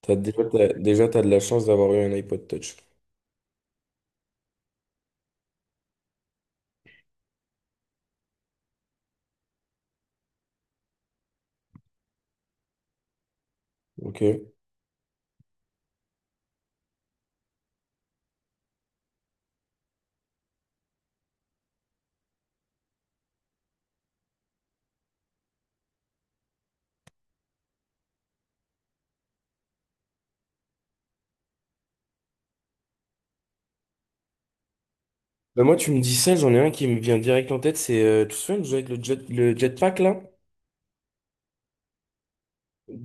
T'as déjà, t'as, déjà, t'as de la chance d'avoir eu un iPod Touch. Ok. Bah moi, tu me dis ça, j'en ai un qui me vient direct en tête. C'est, tu te souviens de jouer avec le jetpack là?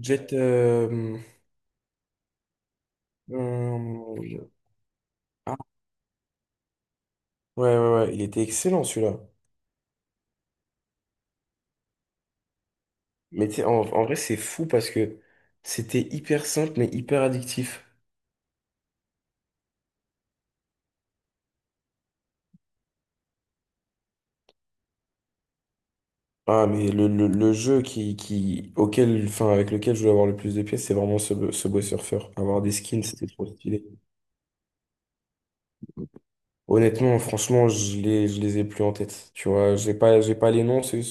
Jet. euh, euh, ah, ouais, ouais, ouais. Il était excellent celui-là. Mais tu sais, en vrai, c'est fou parce que c'était hyper simple mais hyper addictif. Ah, mais le jeu auquel, enfin, avec lequel je voulais avoir le plus de pièces, c'est vraiment ce Subway Surfer. Avoir des skins, c'était trop stylé. Honnêtement, franchement, je les ai plus en tête. Tu vois, j'ai pas les noms. C'est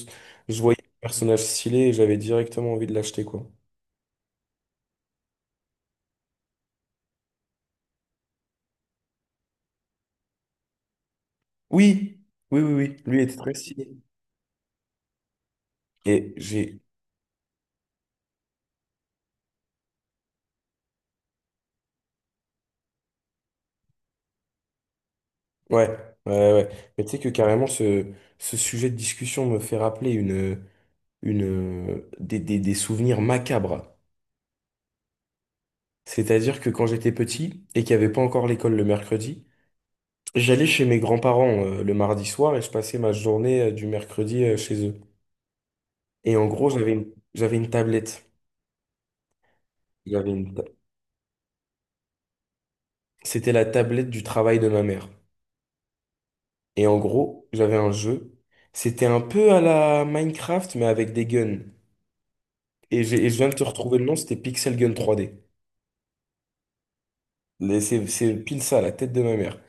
Je voyais le personnage stylé et j'avais directement envie de l'acheter, quoi. Oui, oui, oui, oui. Lui était très stylé. Et j'ai. Ouais, ouais, ouais, ouais. Mais tu sais que carrément, ce sujet de discussion me fait rappeler des souvenirs macabres. C'est-à-dire que quand j'étais petit et qu'il n'y avait pas encore l'école le mercredi, j'allais chez mes grands-parents le mardi soir et je passais ma journée du mercredi euh,, chez eux. Et en gros, j'avais une tablette. J'avais une ta- C'était la tablette du travail de ma mère. Et en gros, j'avais un jeu. C'était un peu à la Minecraft, mais avec des guns. Et je viens de te retrouver le nom, c'était Pixel Gun 3D. C'est pile ça, la tête de ma mère.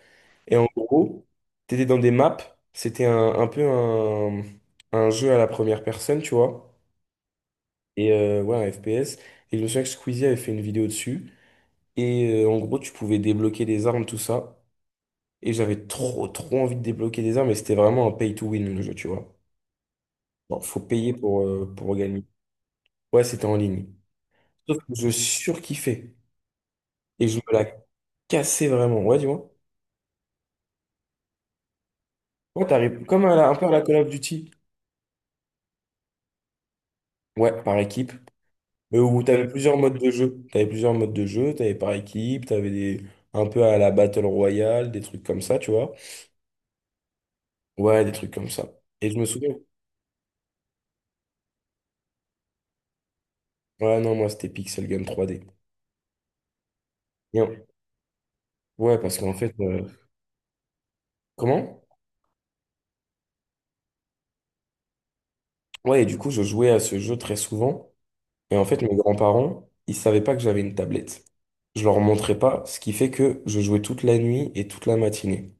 Et en gros, t'étais dans des maps. C'était un jeu à la première personne, tu vois. Et ouais, un FPS. Et je me souviens que Squeezie avait fait une vidéo dessus. Et en gros, tu pouvais débloquer des armes, tout ça. Et j'avais trop envie de débloquer des armes, mais c'était vraiment un pay to win le jeu, tu vois. Bon, faut payer pour gagner. Ouais, c'était en ligne. Sauf que je surkiffais. Et je me la cassais vraiment. Ouais, dis moi. Quand t'arrives, un peu à la Call of Duty. Ouais, par équipe. Mais où t'avais plusieurs modes de jeu. T'avais plusieurs modes de jeu, t'avais par équipe, un peu à la Battle Royale, des trucs comme ça, tu vois. Ouais, des trucs comme ça. Et je me souviens. Ouais, non, moi, c'était Pixel Gun 3D. Et- on- Ouais, parce qu'en fait, comment? Ouais, et du coup, je jouais à ce jeu très souvent. Et en fait, mes grands-parents, ils savaient pas que j'avais une tablette. Je leur montrais pas, ce qui fait que je jouais toute la nuit et toute la matinée.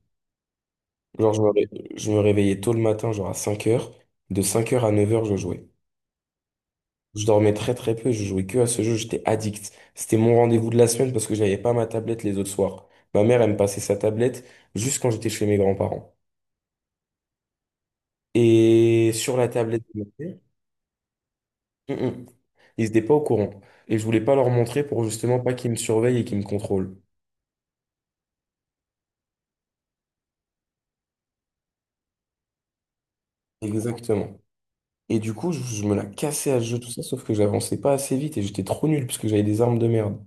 Genre, je me, ré- je me réveillais tôt le matin, genre à 5 heures. De 5 heures à 9 heures, je jouais. Je dormais très peu, je jouais que à ce jeu, j'étais addict. C'était mon rendez-vous de la semaine parce que j'avais pas ma tablette les autres soirs. Ma mère, elle me passait sa tablette juste quand j'étais chez mes grands-parents. Et sur la tablette de ma mère, ils n'étaient pas au courant. Et je voulais pas leur montrer pour justement pas qu'ils me surveillent et qu'ils me contrôlent. Exactement. Et du coup, je me la cassais à ce jeu, tout ça, sauf que j'avançais pas assez vite et j'étais trop nul parce que j'avais des armes de merde.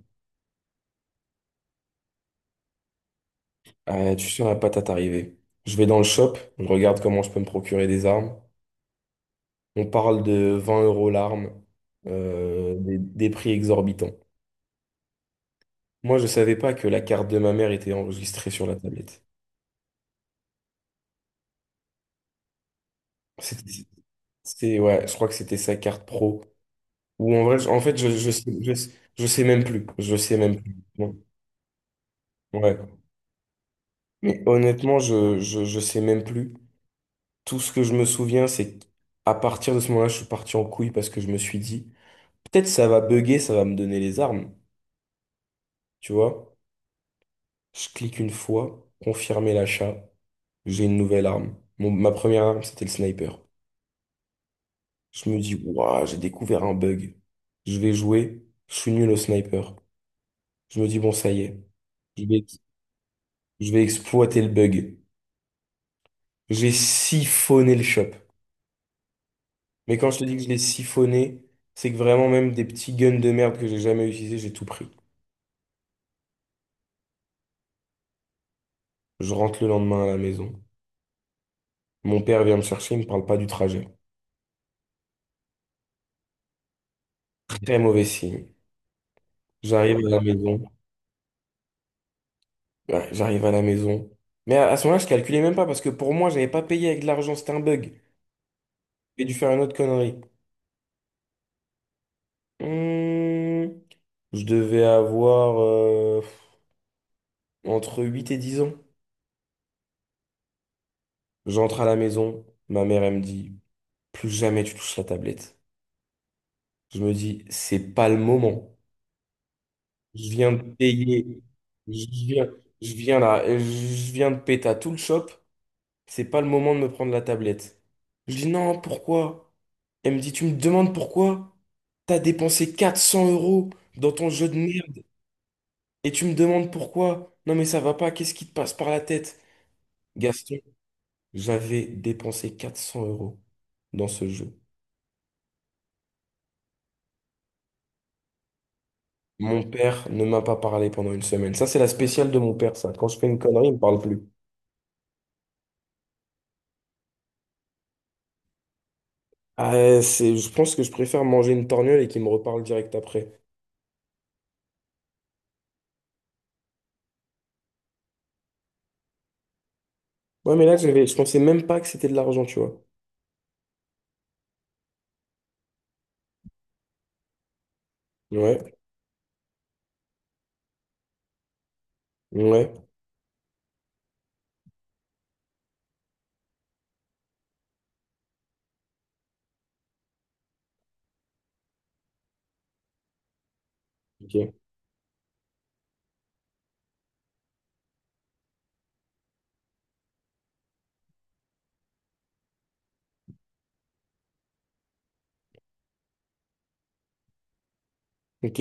Ah, tu seras pas à t'arriver. Je vais dans le shop, je regarde comment je peux me procurer des armes. On parle de 20 euros l'arme, des prix exorbitants. Moi, je savais pas que la carte de ma mère était enregistrée sur la tablette. C'était- C'est, ouais, je crois que c'était sa carte pro. Ou en vrai, en fait, je sais même plus. Je sais même plus. Bon, ouais. Mais honnêtement, je sais même plus. Tout ce que je me souviens, c'est qu'à partir de ce moment-là, je suis parti en couille parce que je me suis dit, peut-être ça va bugger, ça va me donner les armes. Tu vois? Je clique une fois, confirmer l'achat, j'ai une nouvelle arme. Ma première arme, c'était le sniper. Je me dis, waouh, j'ai découvert un bug. Je vais jouer, je suis nul au sniper. Je me dis, bon, ça y est, je vais, je vais exploiter le bug. J'ai siphonné le shop. Mais quand je te dis que je l'ai siphonné, c'est que vraiment même des petits guns de merde que j'ai jamais utilisés, j'ai tout pris. Je rentre le lendemain à la maison. Mon père vient me chercher, il me parle pas du trajet. Très mauvais signe. J'arrive à la maison. Ouais, j'arrive à la maison. Mais à ce moment-là, je calculais même pas parce que pour moi, j'avais pas payé avec de l'argent, c'était un bug. J'ai dû faire une autre connerie. Hmm, je devais avoir entre 8 et 10 ans. J'entre à la maison, ma mère elle me dit, plus jamais tu touches la tablette. Je me dis, c'est pas le moment. Je viens de payer, je viens, je viens là, je viens de péter à tout le shop. C'est pas le moment de me prendre la tablette. Je dis, non, pourquoi? Elle me dit, tu me demandes pourquoi? T'as dépensé 400 euros dans ton jeu de merde et tu me demandes pourquoi? Non, mais ça va pas, qu'est-ce qui te passe par la tête? Gaston, j'avais dépensé 400 euros dans ce jeu. Mon père ne m'a pas parlé pendant 1 semaine. Ça, c'est la spéciale de mon père, ça. Quand je fais une connerie, il me parle plus. Ah, c'est, je pense que je préfère manger une torgnole et qu'il me reparle direct après. Ouais, mais là, je pensais même pas que c'était de l'argent, tu vois. Ouais, ouais, ok, ok,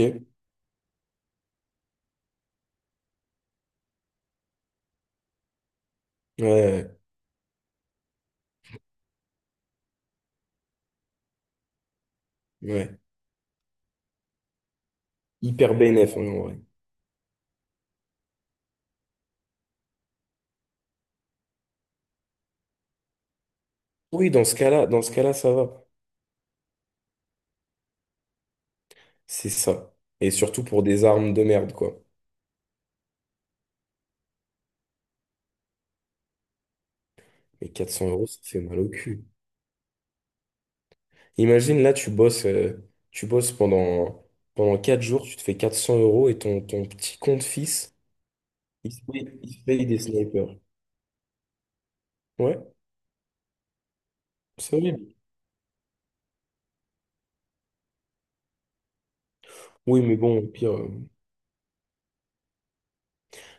ouais, ouais. Hyper bénéf, hein, en vrai. Oui, dans ce cas-là, ça va. C'est ça. Et surtout pour des armes de merde, quoi. Mais 400 euros, ça fait mal au cul. Imagine, là, tu bosses, pendant 4 jours, tu te fais 400 euros et ton petit compte fils, il se paye des snipers. Ouais, c'est horrible. Oui, mais bon, au pire.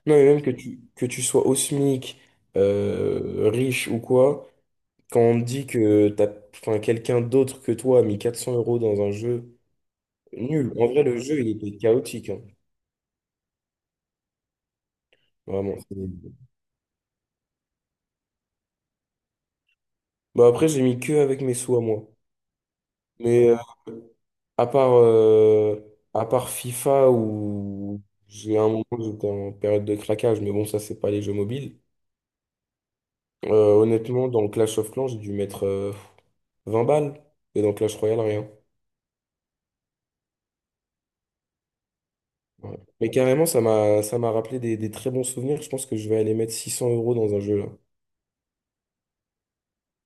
Non, mais même que que tu sois au SMIC, riche ou quoi, quand on te dit que t'as, enfin, quelqu'un d'autre que toi a mis 400 euros dans un jeu, nul. En vrai, le jeu, il était chaotique, hein. Vraiment. Bah, après, j'ai mis que avec mes sous à moi. Mais à part, euh, à part FIFA où j'ai un moment, j'étais en période de craquage, mais bon, ça, c'est pas les jeux mobiles. Honnêtement, dans Clash of Clans, j'ai dû mettre 20 balles. Et dans Clash Royale, rien. Ouais. Mais carrément, ça m'a rappelé des très bons souvenirs. Je pense que je vais aller mettre 600 euros dans un jeu là.